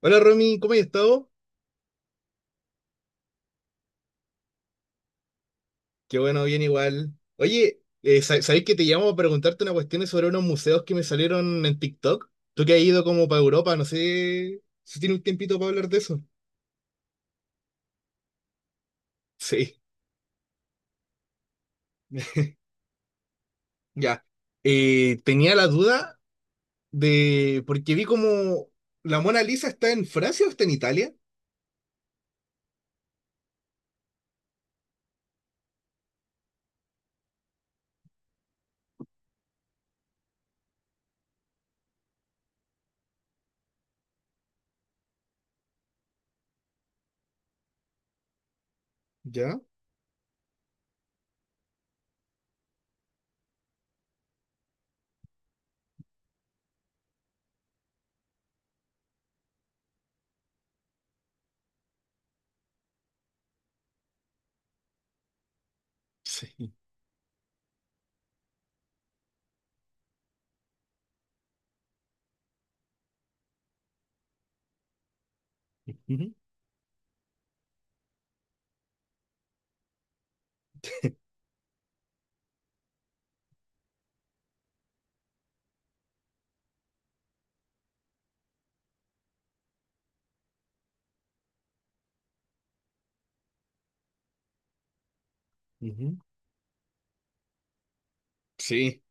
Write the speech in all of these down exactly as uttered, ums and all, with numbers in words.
Hola Romy, ¿cómo has estado? Qué bueno, bien igual. Oye, eh, sa- ¿sabéis que te llamo para preguntarte una cuestión sobre unos museos que me salieron en TikTok? Tú que has ido como para Europa, no sé si tiene un tiempito para hablar de eso. Sí, ya. Eh, tenía la duda de, porque vi como la Mona Lisa está en Francia o está en Italia. ¿Ya? Sí. Ujú, ujú. Sí.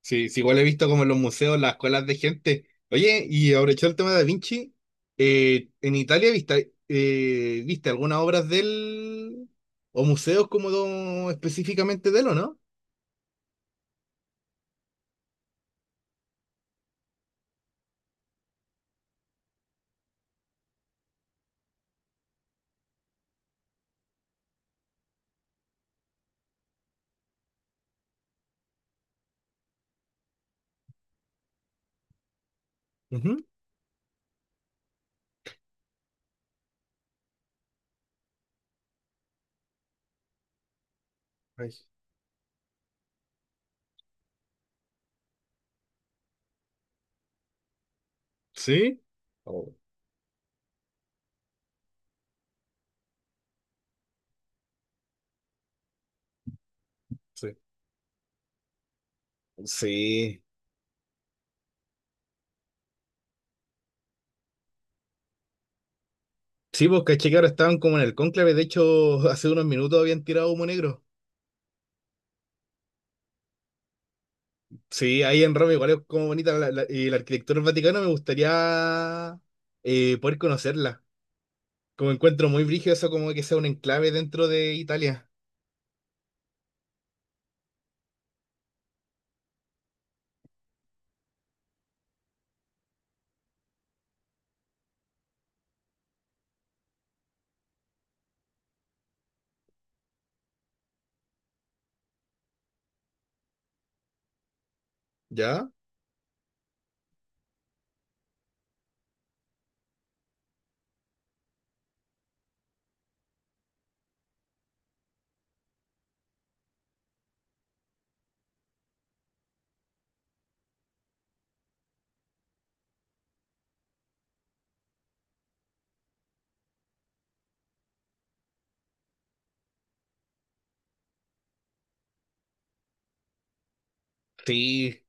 Sí, sí, igual he visto como en los museos, las escuelas de gente. Oye, y aprovechando el tema de Da Vinci, eh, ¿en Italia viste, eh, viste algunas obras de él o museos como do- específicamente de él o no? Ujú. Ay. ¿Sí? Oh, sí. Sí. Sí, pues caché que ahora estaban como en el cónclave, de hecho, hace unos minutos habían tirado humo negro. Sí, ahí en Roma igual es como bonita la, la- y la arquitectura del Vaticano, me gustaría eh, poder conocerla. Como encuentro muy brígido eso, como que sea un enclave dentro de Italia. ¿Ya? Sí,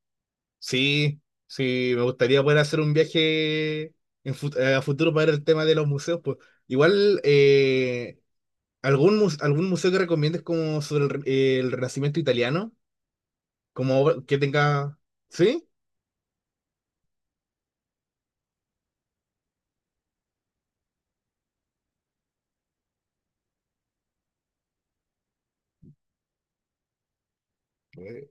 sí, sí. Me gustaría poder hacer un viaje en fut- eh, a futuro para ver el tema de los museos. Pues. Igual, eh, algún, mus- algún museo que recomiendes como sobre el, re- el Renacimiento italiano, como obra que tenga... ¿Sí? Eh.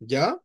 ¿Ya?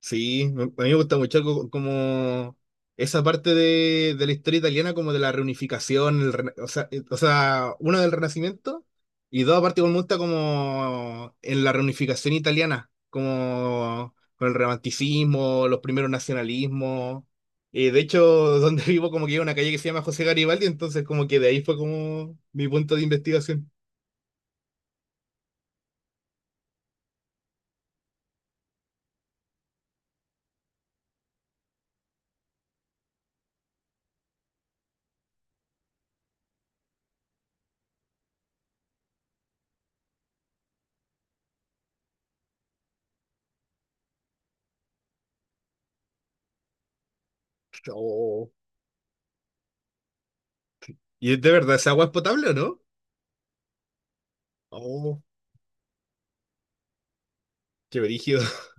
Sí, me- a mí me gusta mucho algo como esa parte de, de la historia italiana, como de la reunificación, el rena- o sea, eh, o sea, uno del Renacimiento y dos, aparte, como me gusta como en la reunificación italiana, como con el romanticismo, los primeros nacionalismos. Eh, de hecho, donde vivo, como que hay una calle que se llama José Garibaldi, entonces, como que de ahí fue como mi punto de investigación. Oh. ¿Y es de verdad esa agua es potable o no? Oh, qué brígido.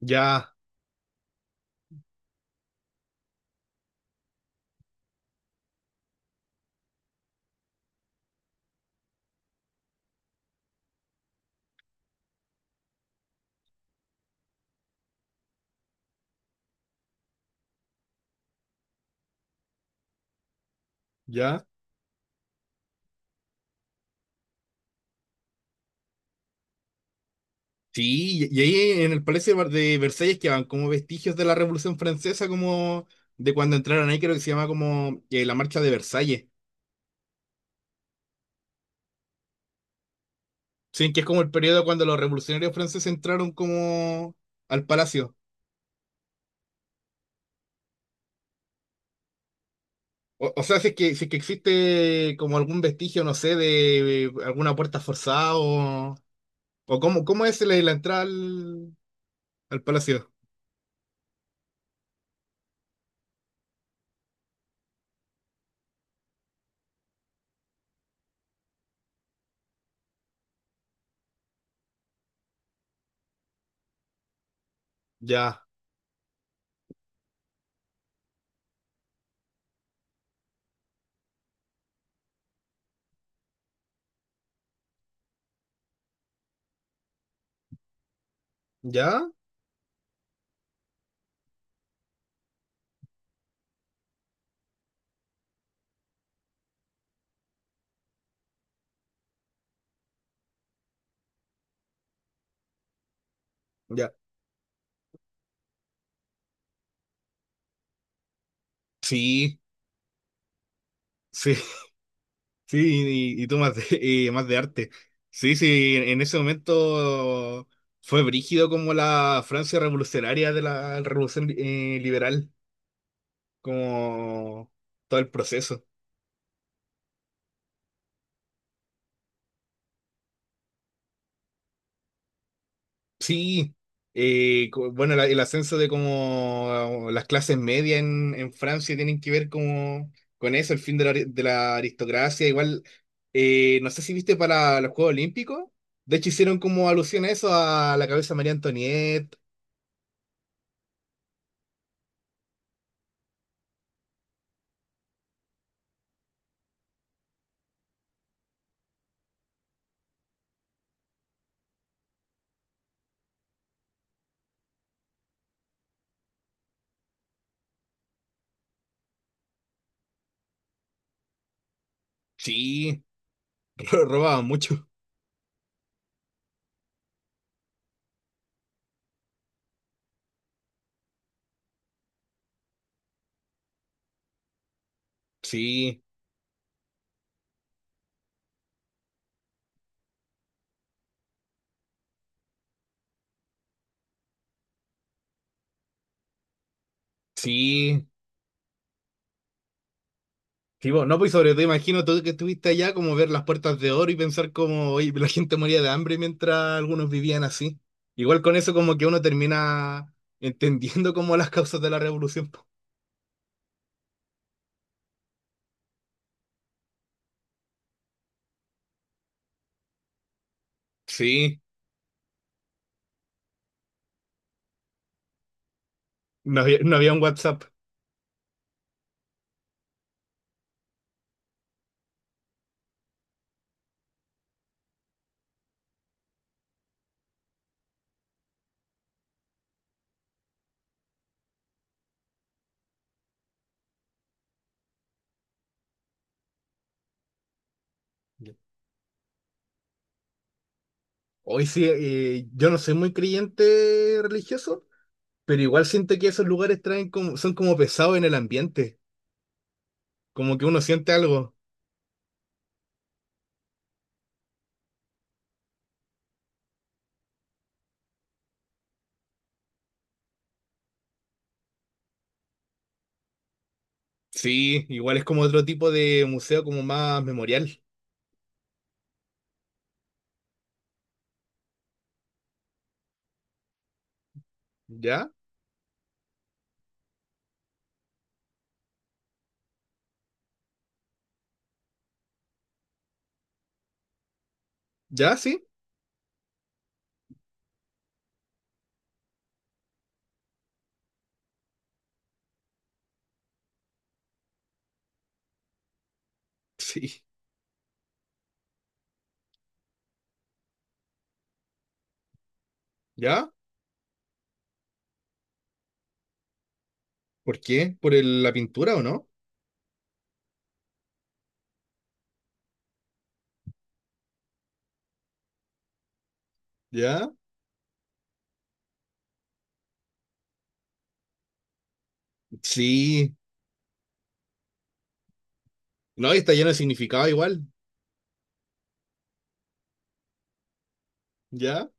Ya, ya. Sí, y y ahí en el Palacio de Ver- de Versalles quedaban como vestigios de la Revolución Francesa, como de cuando entraron ahí, creo que se llama como, eh, la Marcha de Versalles. Sí, que es como el periodo cuando los revolucionarios franceses entraron como al palacio. O, o sea, si es que, si es que existe como algún vestigio, no sé, de eh, alguna puerta forzada, o, o cómo, cómo es la, la entrada al, al palacio. Ya, ya, ya. Sí, sí. Sí, y, y tú más de, y más de arte. Sí, sí, en ese momento fue brígido como la Francia revolucionaria, de la revolución eh, liberal, como todo el proceso. Sí, eh, co- bueno, la- el ascenso de como las clases medias en, en Francia tienen que ver como con eso, el fin de la, ari- de la aristocracia. Igual, eh, no sé si viste para los Juegos Olímpicos, de hecho hicieron como alusión a eso, a la cabeza de María Antonieta. Sí. Pero robaban mucho. Sí, sí. Sí, vos, no, pues sobre todo imagino tú que estuviste allá como ver las puertas de oro y pensar como oye, la gente moría de hambre mientras algunos vivían así. Igual con eso como que uno termina entendiendo como las causas de la revolución. Po. Sí, no había, no había un WhatsApp. Hoy sí, eh, yo no soy muy creyente religioso, pero igual siento que esos lugares traen como, son como pesados en el ambiente, como que uno siente algo. Sí, igual es como otro tipo de museo, como más memorial. ¿Ya? ¿Ya? ¿Sí? Sí. ¿Ya? ¿Por qué? ¿Por el- la pintura o no? ¿Ya? Sí. No, y está lleno de significado igual. ¿Ya?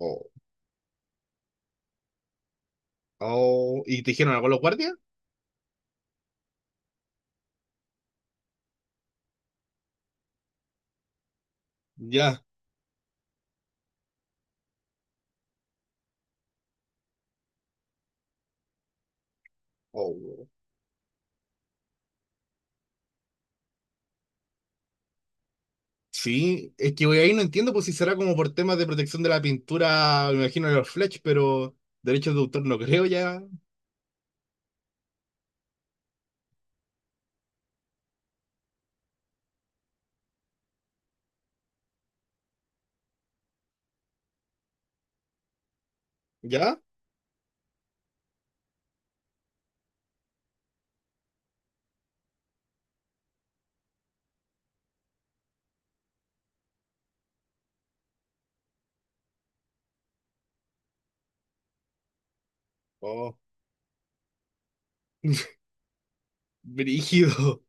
Oh. Oh. ¿Y te dijeron algo los guardias? ¿Ya? Oh. Sí, es que güey, ahí no entiendo pues si será como por temas de protección de la pintura, me imagino de los Fletch, pero derechos de autor no creo ya. ¿Ya? Oh. Brígido.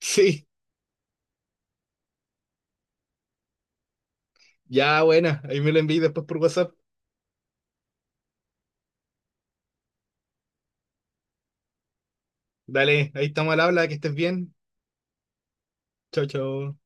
Sí. Ya, buena. Ahí me lo envié después por WhatsApp. Dale, ahí estamos al habla, que estés bien. Chao, chao.